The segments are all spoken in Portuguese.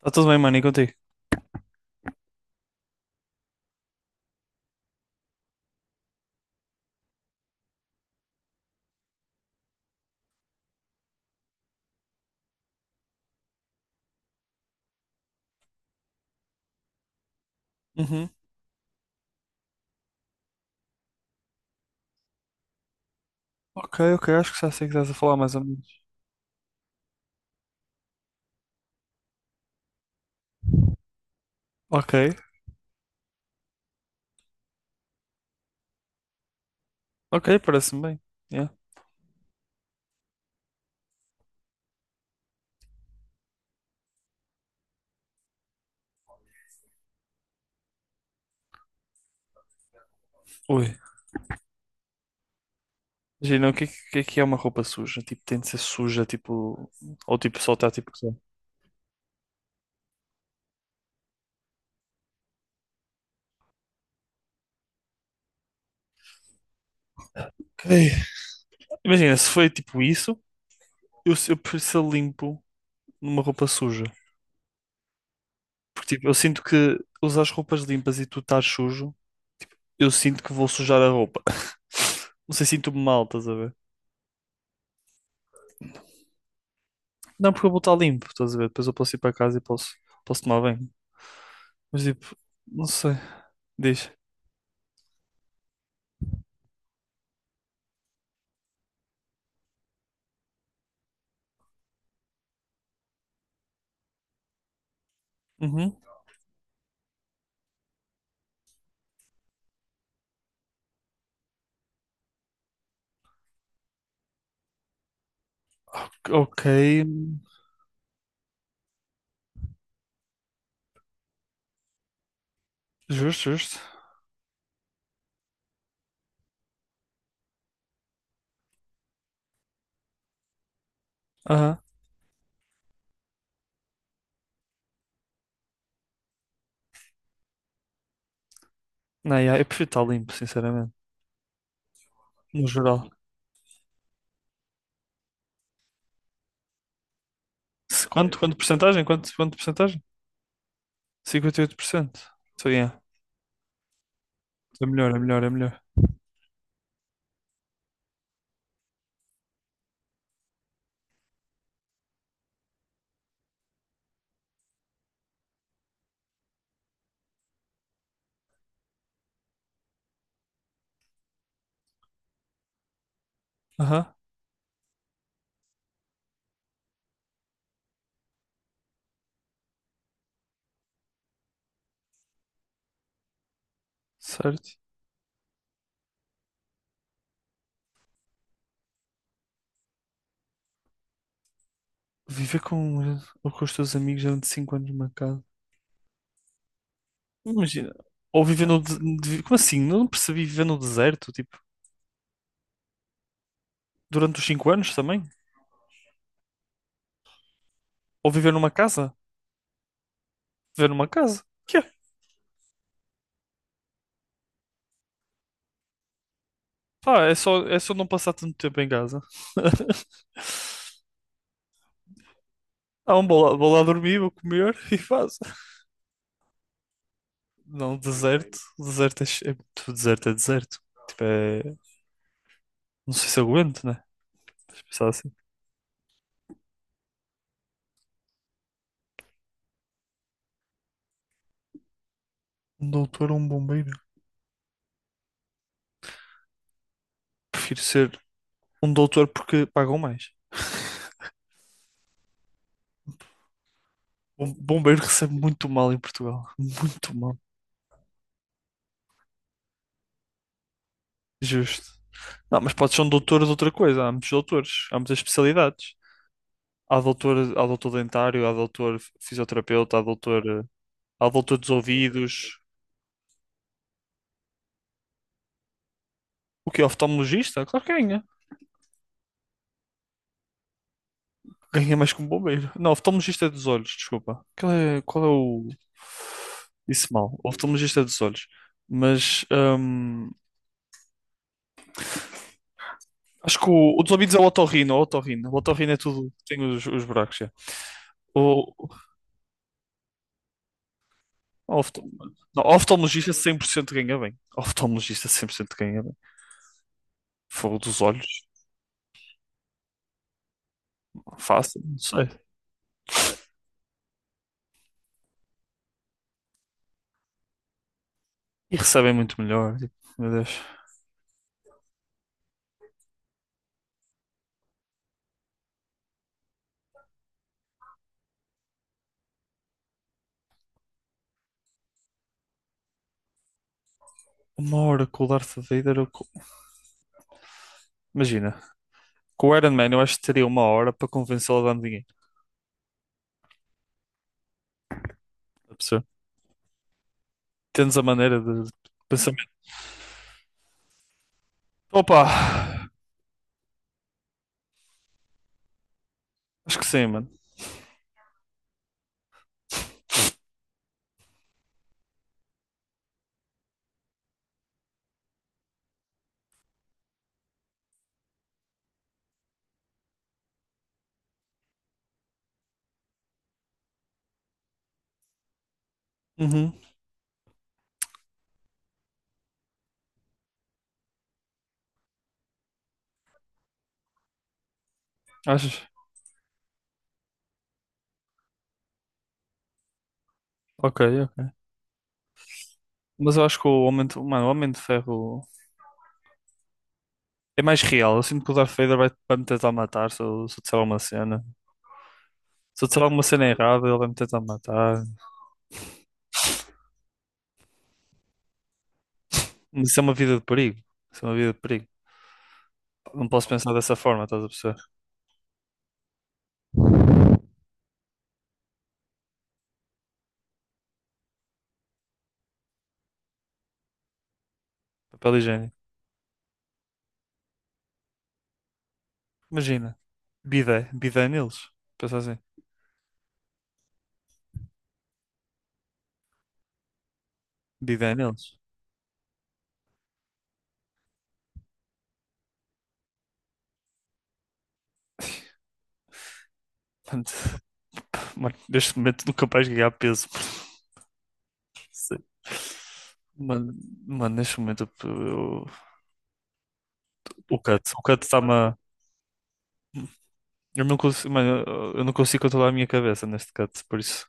Tá tudo bem, mano, e contigo? Uhum. Ok, ok, acho que já sei o que estás a falar mais ou menos. Ok, ok, parece-me bem. Yeah. Ui. Imagina, o que, é que que é uma roupa suja? Tipo, tem de ser suja, tipo. Ou tipo, só está tipo. Só. Ok. Imagina, se foi tipo isso, eu, eu prefiro ser limpo numa roupa suja. Porque tipo, eu sinto que usar as roupas limpas e tu estás sujo, eu sinto que vou sujar a roupa. Não sei, sinto-me mal, estás a ver? Não, porque eu vou estar limpo, estás a ver? Depois eu posso ir para casa e posso, posso tomar banho. Mas tipo, não sei. Diz. Uhum. Ok. Justo, justo. Aham. Não, yeah, eu prefiro estar limpo, sinceramente. No geral. Quanto, quanto porcentagem? Quanto, quanto porcentagem? 58%. Então, yeah. É melhor, é melhor, é melhor. Aham. Certo. Viver com, ou com os teus amigos durante 5 anos numa casa. Imagina. Ou viver no. Como assim? Não percebi viver no deserto, tipo, durante os 5 anos também? Ou viver numa casa? Viver numa casa? Que é? Pá, é só não passar tanto tempo em casa. Não, vou lá dormir, vou comer e faço. Não, deserto. Deserto é, é muito deserto, é deserto. Tipo, é... Não sei se aguento, né? Se pensar assim. Um doutor ou um bombeiro? Prefiro ser um doutor porque pagam mais. Um bombeiro recebe muito mal em Portugal. Muito mal. Justo. Não, mas pode ser um doutor de outra coisa. Há muitos doutores, há muitas especialidades. Há doutor dentário, há doutor fisioterapeuta, há doutor dos ouvidos. O que oftalmologista? Claro que ganha. Ganhei mais que um bombeiro. Não, oftalmologista é dos olhos, desculpa. Qual é o. Disse mal. Oftalmologista é dos olhos. Mas acho que o dos ouvidos é o otorrino, é o otorrino. O otorrino é tudo, tem os buracos. Já. O, o oftal- não, oftalmologista 100% ganha bem. Oftalmologista 100% ganha bem. Fogo dos olhos, fácil, não sei. E recebem muito melhor. Tipo, meu Deus. Uma hora com o Darth Vader. Imagina, com o Iron Man eu acho que teria uma hora para convencê-lo a dar-me dinheiro. tá Tens a maneira de pensamento. Opa, acho que sim, mano. Uhum. Achas? Ok, ok. Mas eu acho que o mano, o Homem de Ferro é mais real. Eu sinto que o Darth Vader vai, vai me tentar matar se eu disser alguma cena. Se eu disser alguma cena errada, ele vai me tentar matar. Mas isso é uma vida de perigo. Isso é uma vida de perigo. Não posso pensar dessa forma, estás a perceber? Papel higiênico. Imagina. Bidé. Bidé neles. Pensa assim. Bidé neles. Mano, mano, neste momento nunca vais ganhar peso. Sim. Mano, mano, neste momento o cut está-me a. Eu não consigo, mano, eu não consigo controlar a minha cabeça neste cut, por isso.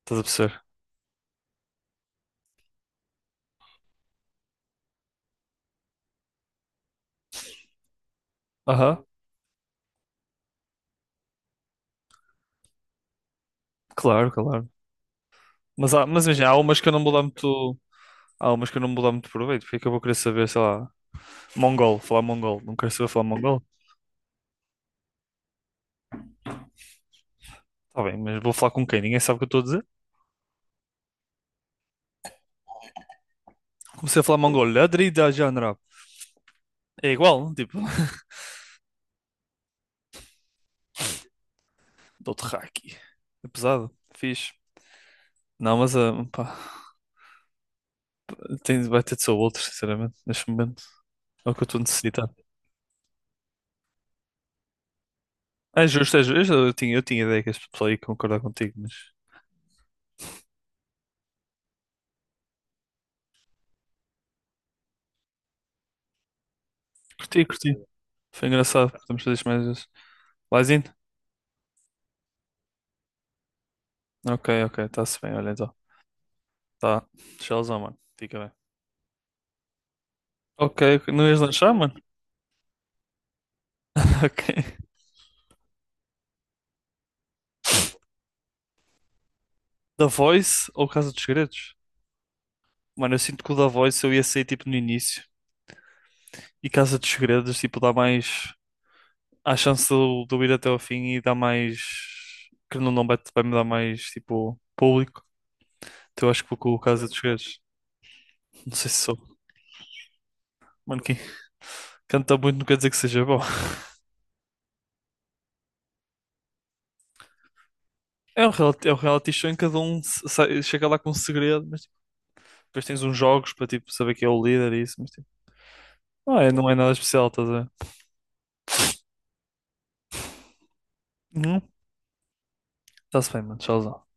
Estás a perceber? Aham, claro, claro. Mas, há, mas imagina, há umas que eu não vou dar muito. Há umas que eu não vou dar muito proveito, porque é que eu vou querer saber, sei lá, mongol, falar mongol. Não quero saber falar mongol. Tá bem, mas vou falar com quem? Ninguém sabe o que eu estou a dizer. Comecei a falar mongol, Ladri da Janra. É igual, tipo, dou-te haki. É pesado, fixe. Não, mas pá, tem, vai ter de ser outro, sinceramente, neste momento. É o que eu estou necessitado. É justo, é justo. Eu tinha ideia que este pessoal ia concordar contigo, mas curti, curti. Foi engraçado. Podemos fazer isto mais vezes. Laizinho? Ok, ok, está-se bem, olha então. Tá. Tchauzão, mano. Fica bem. Ok, ok. Não ias lanchar, mano? Ok. The Voice ou Casa dos Segredos? Mano, eu sinto que o The Voice eu ia sair tipo no início e Casa dos Segredos, tipo, dá mais. Há chance de eu ir até ao fim e dá mais. Que não, não vai, vai me dar mais, tipo, público. Então eu acho que vou com o Casa dos Segredos. Não sei se sou. Mano, quem canta muito não quer dizer que seja bom. É um reality show em que cada um chega lá com um segredo, mas tipo, depois tens uns jogos para tipo, saber quem é o líder e isso, mas tipo, não é, não é nada especial, estás a ver? Uhum. Está-se bem, mano, tchauzão.